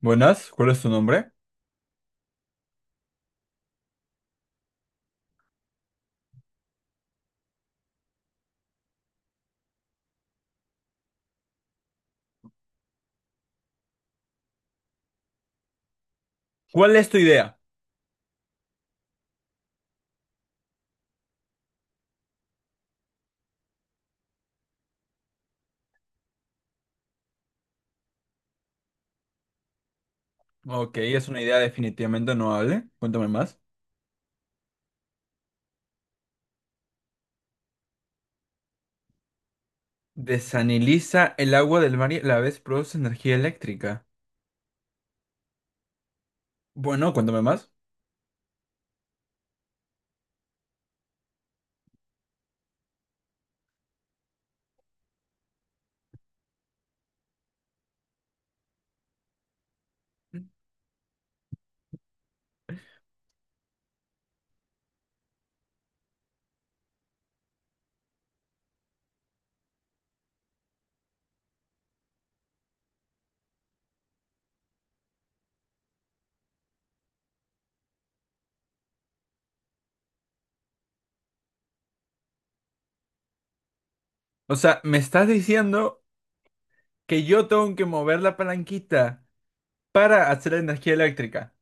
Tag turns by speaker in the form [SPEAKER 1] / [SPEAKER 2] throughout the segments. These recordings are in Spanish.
[SPEAKER 1] Buenas, ¿cuál es tu nombre? ¿Cuál es tu idea? Ok, es una idea definitivamente noble. Cuéntame más. Desaniliza el agua del mar y a la vez produce energía eléctrica. Bueno, cuéntame más. O sea, me estás diciendo que yo tengo que mover la palanquita para hacer energía eléctrica.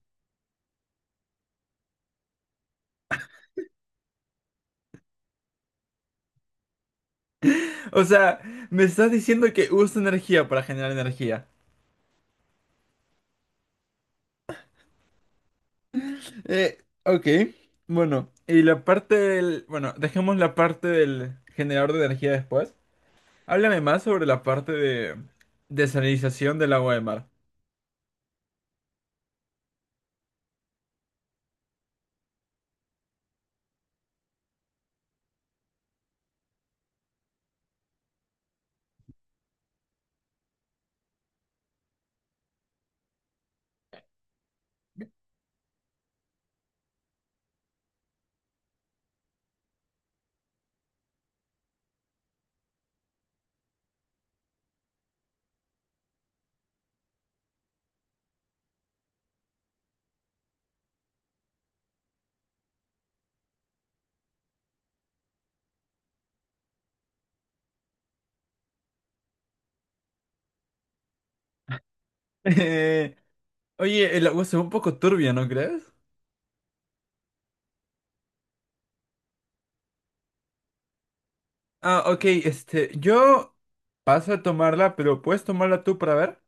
[SPEAKER 1] O sea, me estás diciendo que uso energía para generar energía. Ok, bueno. Y la parte del... Bueno, dejemos la parte del generador de energía después. Háblame más sobre la parte de desalinización del agua de mar. Eh, Oye, el agua se ve un poco turbia, ¿no crees? Ah, ok, este, yo paso a tomarla, pero ¿puedes tomarla tú para ver?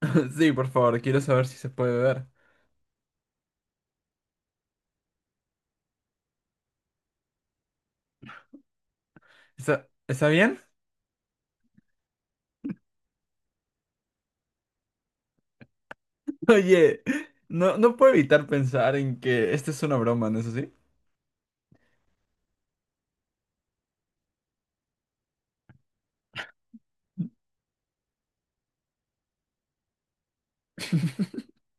[SPEAKER 1] Sí, por favor, quiero saber si se puede ver. ¿Está bien? Oye, no puedo evitar pensar en que esta es una broma, ¿no es así?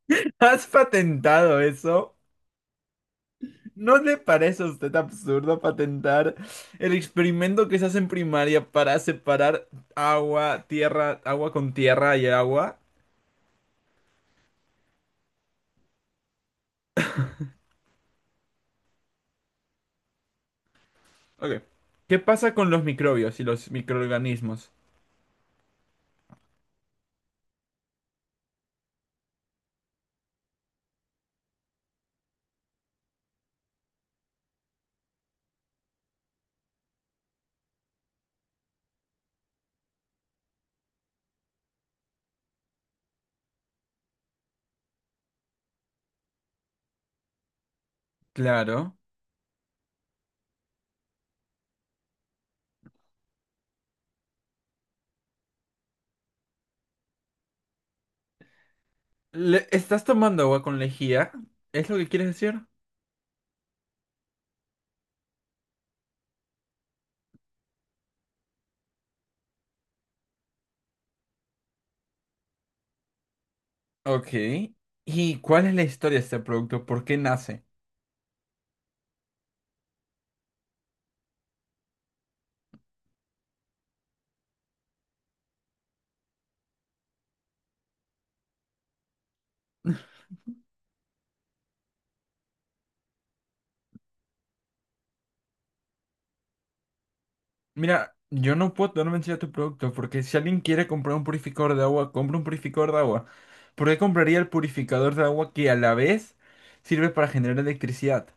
[SPEAKER 1] ¿Has patentado eso? ¿No le parece a usted absurdo patentar el experimento que se hace en primaria para separar agua, tierra, agua con tierra y agua? Ok. ¿Qué pasa con los microbios y los microorganismos? Claro. ¿Estás tomando agua con lejía? ¿Es lo que quieres decir? Ok. ¿Y cuál es la historia de este producto? ¿Por qué nace? Mira, yo no puedo dar mención a tu producto porque si alguien quiere comprar un purificador de agua, compra un purificador de agua. ¿Por qué compraría el purificador de agua que a la vez sirve para generar electricidad?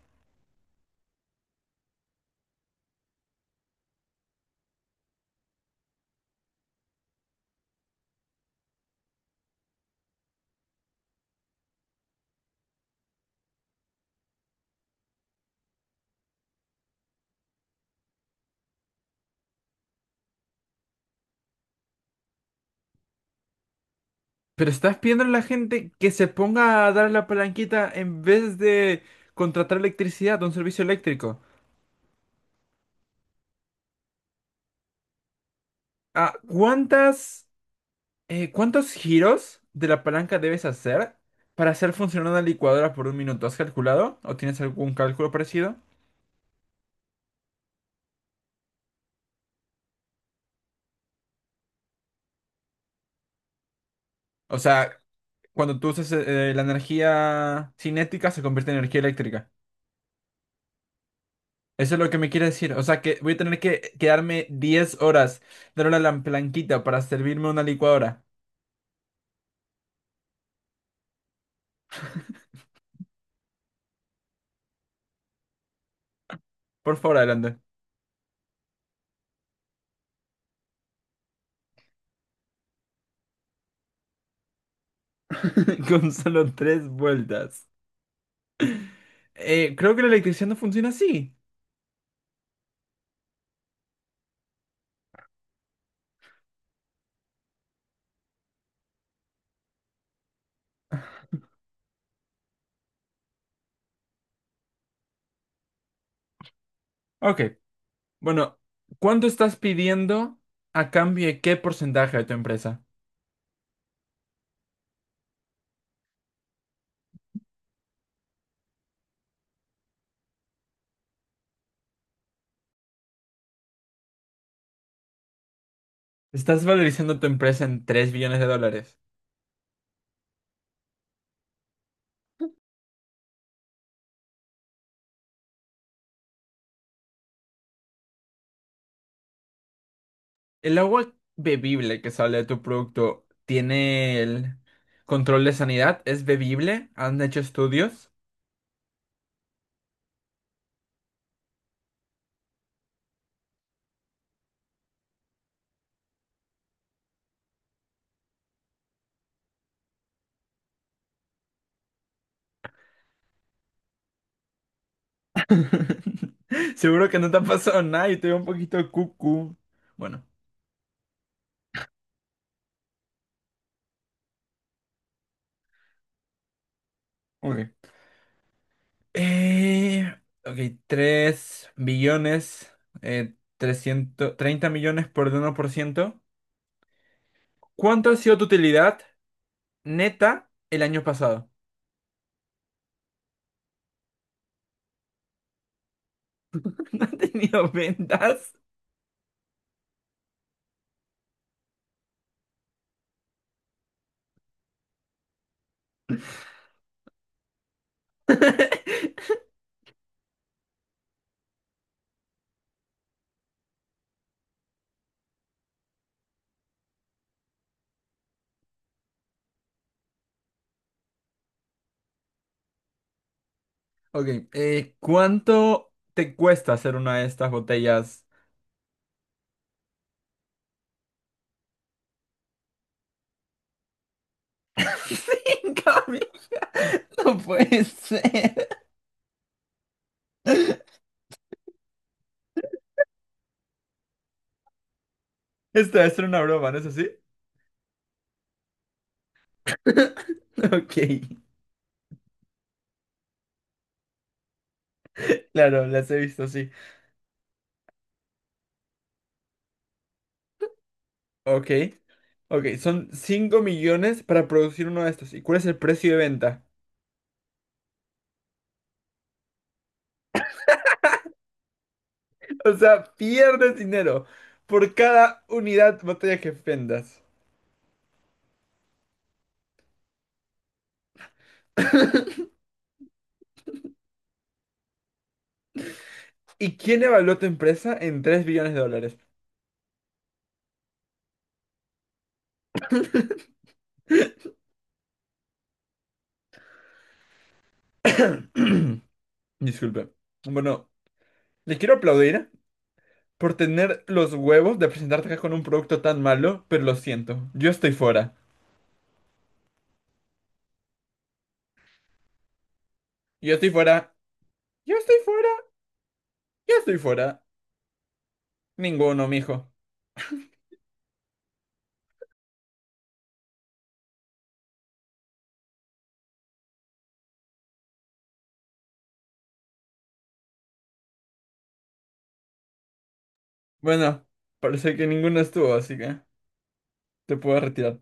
[SPEAKER 1] Pero estás pidiendo a la gente que se ponga a dar la palanquita en vez de contratar electricidad, un servicio eléctrico. Ah, ¿cuántos giros de la palanca debes hacer para hacer funcionar una licuadora por un minuto? ¿Has calculado? ¿O tienes algún cálculo parecido? O sea, cuando tú usas la energía cinética se convierte en energía eléctrica. Eso es lo que me quiere decir. O sea que voy a tener que quedarme 10 horas dándole a la planquita para servirme una licuadora. Por favor, adelante. Con solo 3 vueltas. Creo que la electricidad no funciona así. Ok. Bueno, ¿cuánto estás pidiendo a cambio de qué porcentaje de tu empresa? Estás valorizando tu empresa en 3 billones de dólares. El agua bebible que sale de tu producto tiene el control de sanidad, es bebible, han hecho estudios. Seguro que no te ha pasado nada y te veo un poquito de cucu. Bueno, Ok. eh, ok, 3 billones, 330 millones por el 1%. ¿Cuánto ha sido tu utilidad neta el año pasado? ¿No has tenido ventas? Ok, ¿cuánto te cuesta hacer una de estas botellas? 5.000. No puede ser. Esto es una broma, ¿no es así? Ok, claro, las he visto, sí. Ok. Ok, son 5 millones para producir uno de estos. ¿Y cuál es el precio de venta? O sea, pierdes dinero por cada unidad botella que vendas. ¿Y quién evaluó tu empresa en 3 billones de dólares? Disculpe. Bueno, le quiero aplaudir por tener los huevos de presentarte acá con un producto tan malo, pero lo siento, yo estoy fuera. Yo estoy fuera. Yo estoy fuera. Yo estoy fuera. Ninguno, mijo. Bueno, parece que ninguno estuvo, así que te puedo retirar.